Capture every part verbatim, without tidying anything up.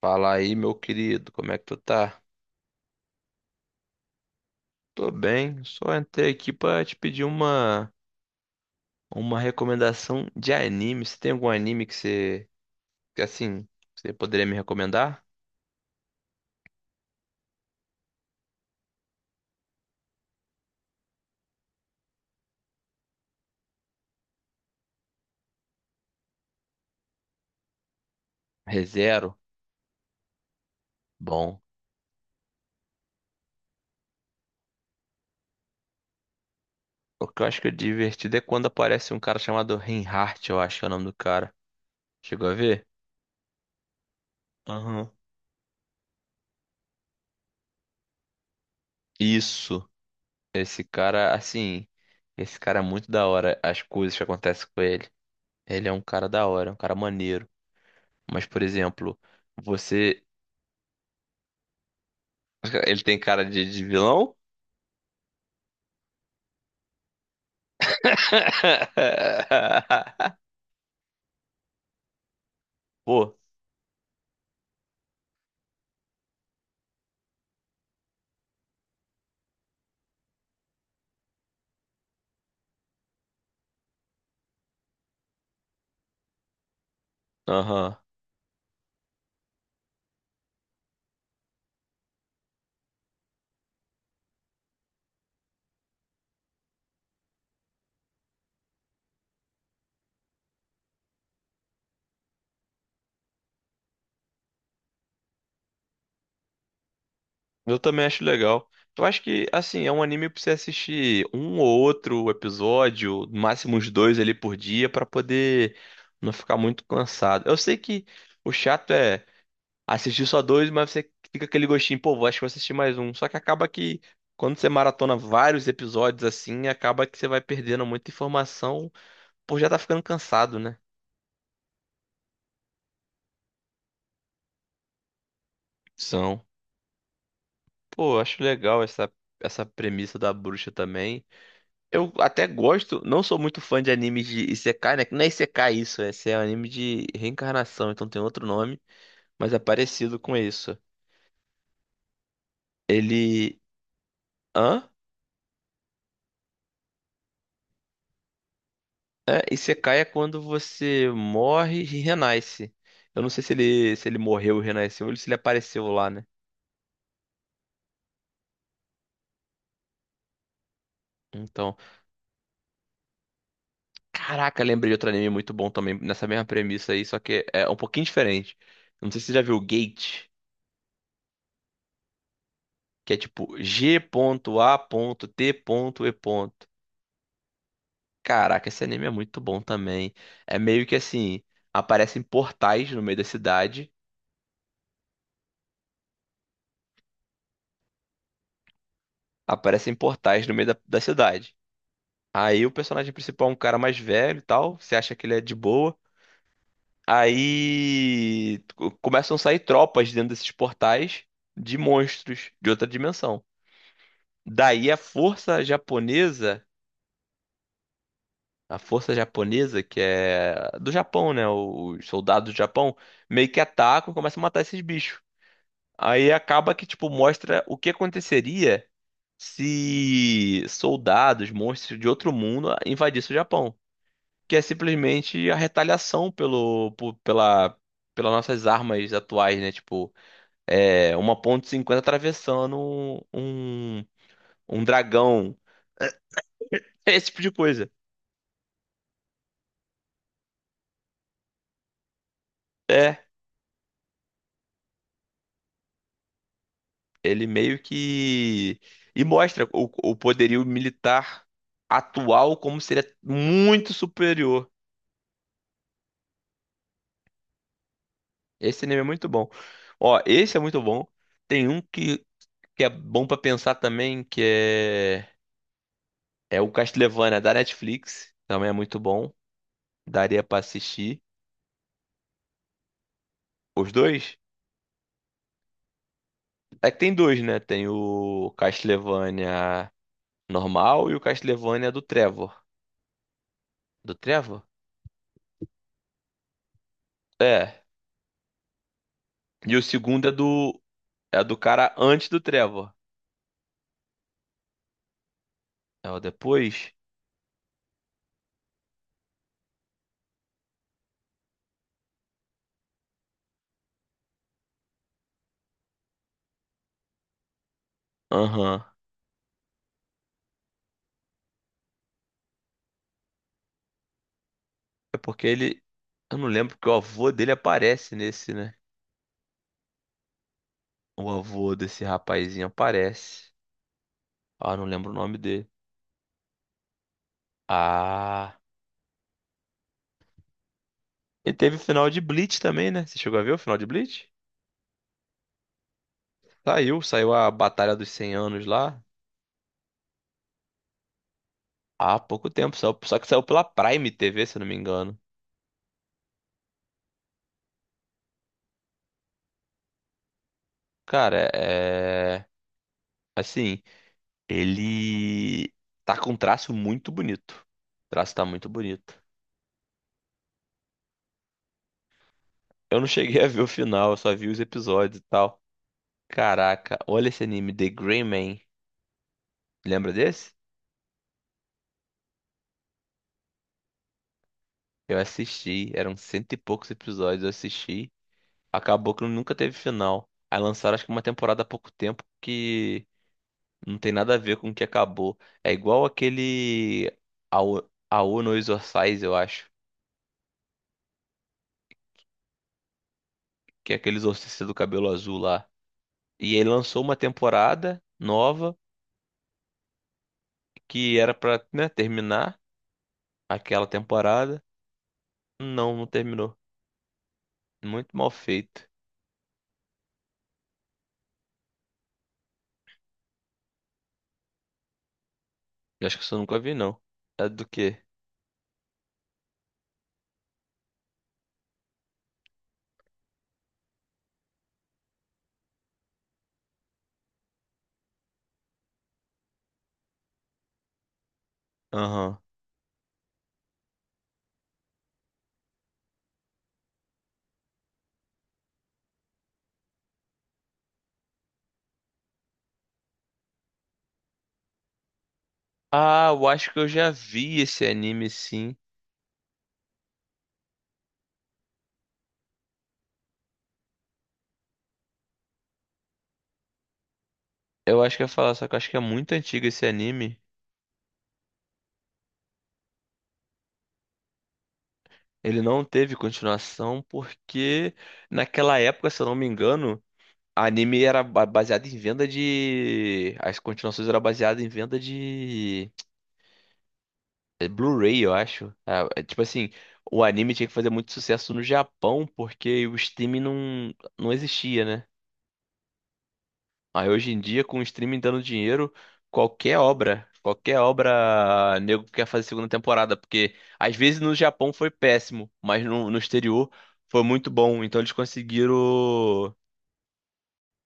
Fala aí, meu querido, como é que tu tá? Tô bem, só entrei aqui pra te pedir uma, uma recomendação de anime. Você tem algum anime que você, que assim, você poderia me recomendar? ReZero? Bom. O que eu acho que é divertido é quando aparece um cara chamado Reinhardt, eu acho que é o nome do cara. Chegou a ver? Aham. Isso. Esse cara, assim, esse cara é muito da hora, as coisas que acontecem com ele. Ele é um cara da hora, é um cara maneiro. Mas, por exemplo, você. Ele tem cara de, de vilão? Pô, aham. Eu também acho legal. Eu acho que, assim, é um anime pra você assistir um ou outro episódio, no máximo uns dois ali por dia, pra poder não ficar muito cansado. Eu sei que o chato é assistir só dois, mas você fica aquele gostinho, pô, acho que vou assistir mais um. Só que acaba que, quando você maratona vários episódios assim, acaba que você vai perdendo muita informação, pô, já tá ficando cansado, né? São. Pô, eu acho legal essa, essa premissa da bruxa também. Eu até gosto, não sou muito fã de animes de Isekai, né? Que não é Isekai isso, é, esse é um anime de reencarnação, então tem outro nome, mas é parecido com isso. Ele. Hã? É, Isekai é quando você morre e renasce. Eu não sei se ele, se ele morreu e renasceu ou se ele apareceu lá, né? Então. Caraca, lembrei de outro anime muito bom também, nessa mesma premissa aí, só que é um pouquinho diferente. Não sei se você já viu Gate, que é tipo G A T E. Caraca, esse anime é muito bom também. É meio que assim, aparecem portais no meio da cidade, aparecem portais no meio da, da cidade. Aí o personagem principal é um cara mais velho e tal, você acha que ele é de boa. Aí co- começam a sair tropas dentro desses portais de monstros de outra dimensão. Daí a força japonesa a força japonesa, que é do Japão, né? Os soldados do Japão, meio que atacam e começam a matar esses bichos. Aí acaba que, tipo, mostra o que aconteceria se soldados, monstros de outro mundo invadissem o Japão. Que é simplesmente a retaliação pelo, por- pela, pelas nossas armas atuais, né? Tipo, é, uma ponto e cinquenta atravessando um, um, um dragão, esse tipo de coisa. É, ele meio que e mostra o, o poderio militar atual como seria muito superior. Esse anime é muito bom. Ó, esse é muito bom. Tem um que, que é bom pra pensar também, que é é o Castlevania da Netflix, também é muito bom. Daria pra assistir os dois. É que tem dois, né? Tem o Castlevania normal e o Castlevania do Trevor. Do Trevor? É. E o segundo é do é do cara antes do Trevor. É o depois? Aham. É porque ele. Eu não lembro porque o avô dele aparece nesse, né? O avô desse rapazinho aparece. Ah, não lembro o nome dele. Ah. E teve o final de Bleach também, né? Você chegou a ver o final de Bleach? Saiu, saiu a Batalha dos cem Anos lá. Há pouco tempo, saiu- só que saiu pela Prime T V, se eu não me engano. Cara, é. Assim, ele. Tá com um traço muito bonito. O traço tá muito bonito. Eu não cheguei a ver o final, eu só vi os episódios e tal. Caraca, olha esse anime, The Gray Man. Lembra desse? Eu assisti, eram cento e poucos episódios, eu assisti. Acabou que nunca teve final. Aí lançaram acho que uma temporada há pouco tempo que não tem nada a ver com o que acabou. É igual aquele Ao- Ao no Exorcise, eu acho. Que é aquele exorcista do cabelo azul lá. E ele lançou uma temporada nova que era pra, né, terminar aquela temporada. Não, não terminou. Muito mal feito. Eu acho que isso eu nunca vi, não. É do quê? Aham. Ah, eu acho que eu já vi esse anime, sim. Eu acho que eu ia falar, só que eu acho que é muito antigo esse anime. Ele não teve continuação porque naquela época, se eu não me engano, anime era ba- baseado em venda de. As continuações eram baseadas em venda de. É, Blu-ray, eu acho. Ah, é tipo assim, o anime tinha que fazer muito sucesso no Japão porque o streaming não, não existia, né? Aí hoje em dia, com o streaming dando dinheiro, qualquer obra, qualquer obra, nego quer fazer segunda temporada, porque às vezes no Japão foi péssimo, mas no, no exterior foi muito bom. Então eles conseguiram,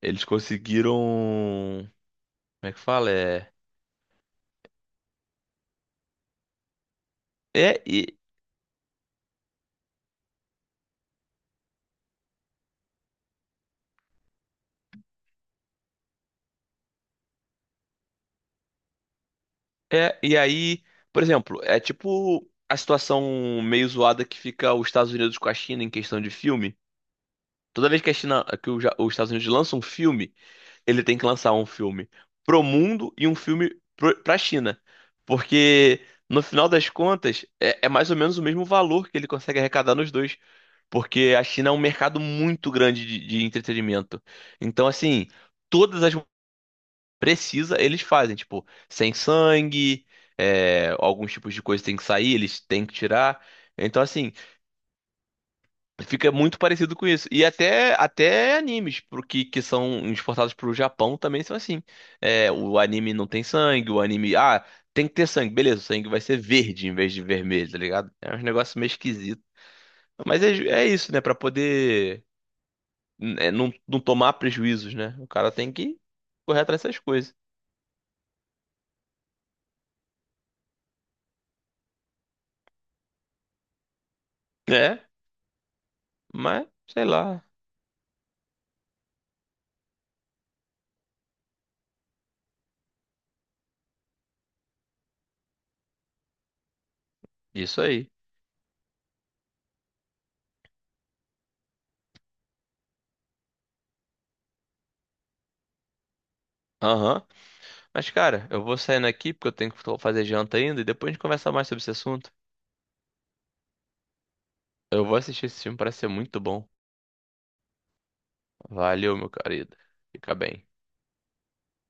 eles conseguiram, como é que fala? É, é, e- é, e aí, por exemplo, é tipo a situação meio zoada que fica os Estados Unidos com a China em questão de filme. Toda vez que a China, que o Ja- os Estados Unidos lançam um filme, ele tem que lançar um filme pro mundo e um filme pro, pra China. Porque, no final das contas, é, é mais ou menos o mesmo valor que ele consegue arrecadar nos dois. Porque a China é um mercado muito grande de, de entretenimento. Então, assim, todas as precisa, eles fazem, tipo, sem sangue, é, alguns tipos de coisa tem que sair, eles têm que tirar. Então, assim, fica muito parecido com isso. E até, até animes pro que, que são exportados pro Japão também são assim. É, o anime não tem sangue, o anime. Ah, tem que ter sangue. Beleza, o sangue vai ser verde em vez de vermelho, tá ligado? É um negócio meio esquisito. Mas é, ju- é isso, né? Pra poder é, não, não tomar prejuízos, né? O cara tem que correr atrás dessas coisas. É, mas sei lá. Isso aí. Aham. Mas, cara, eu vou saindo aqui porque eu tenho que fazer janta ainda e depois a gente conversa mais sobre esse assunto. Eu vou assistir esse filme, parece ser muito bom. Valeu, meu querido. Fica bem.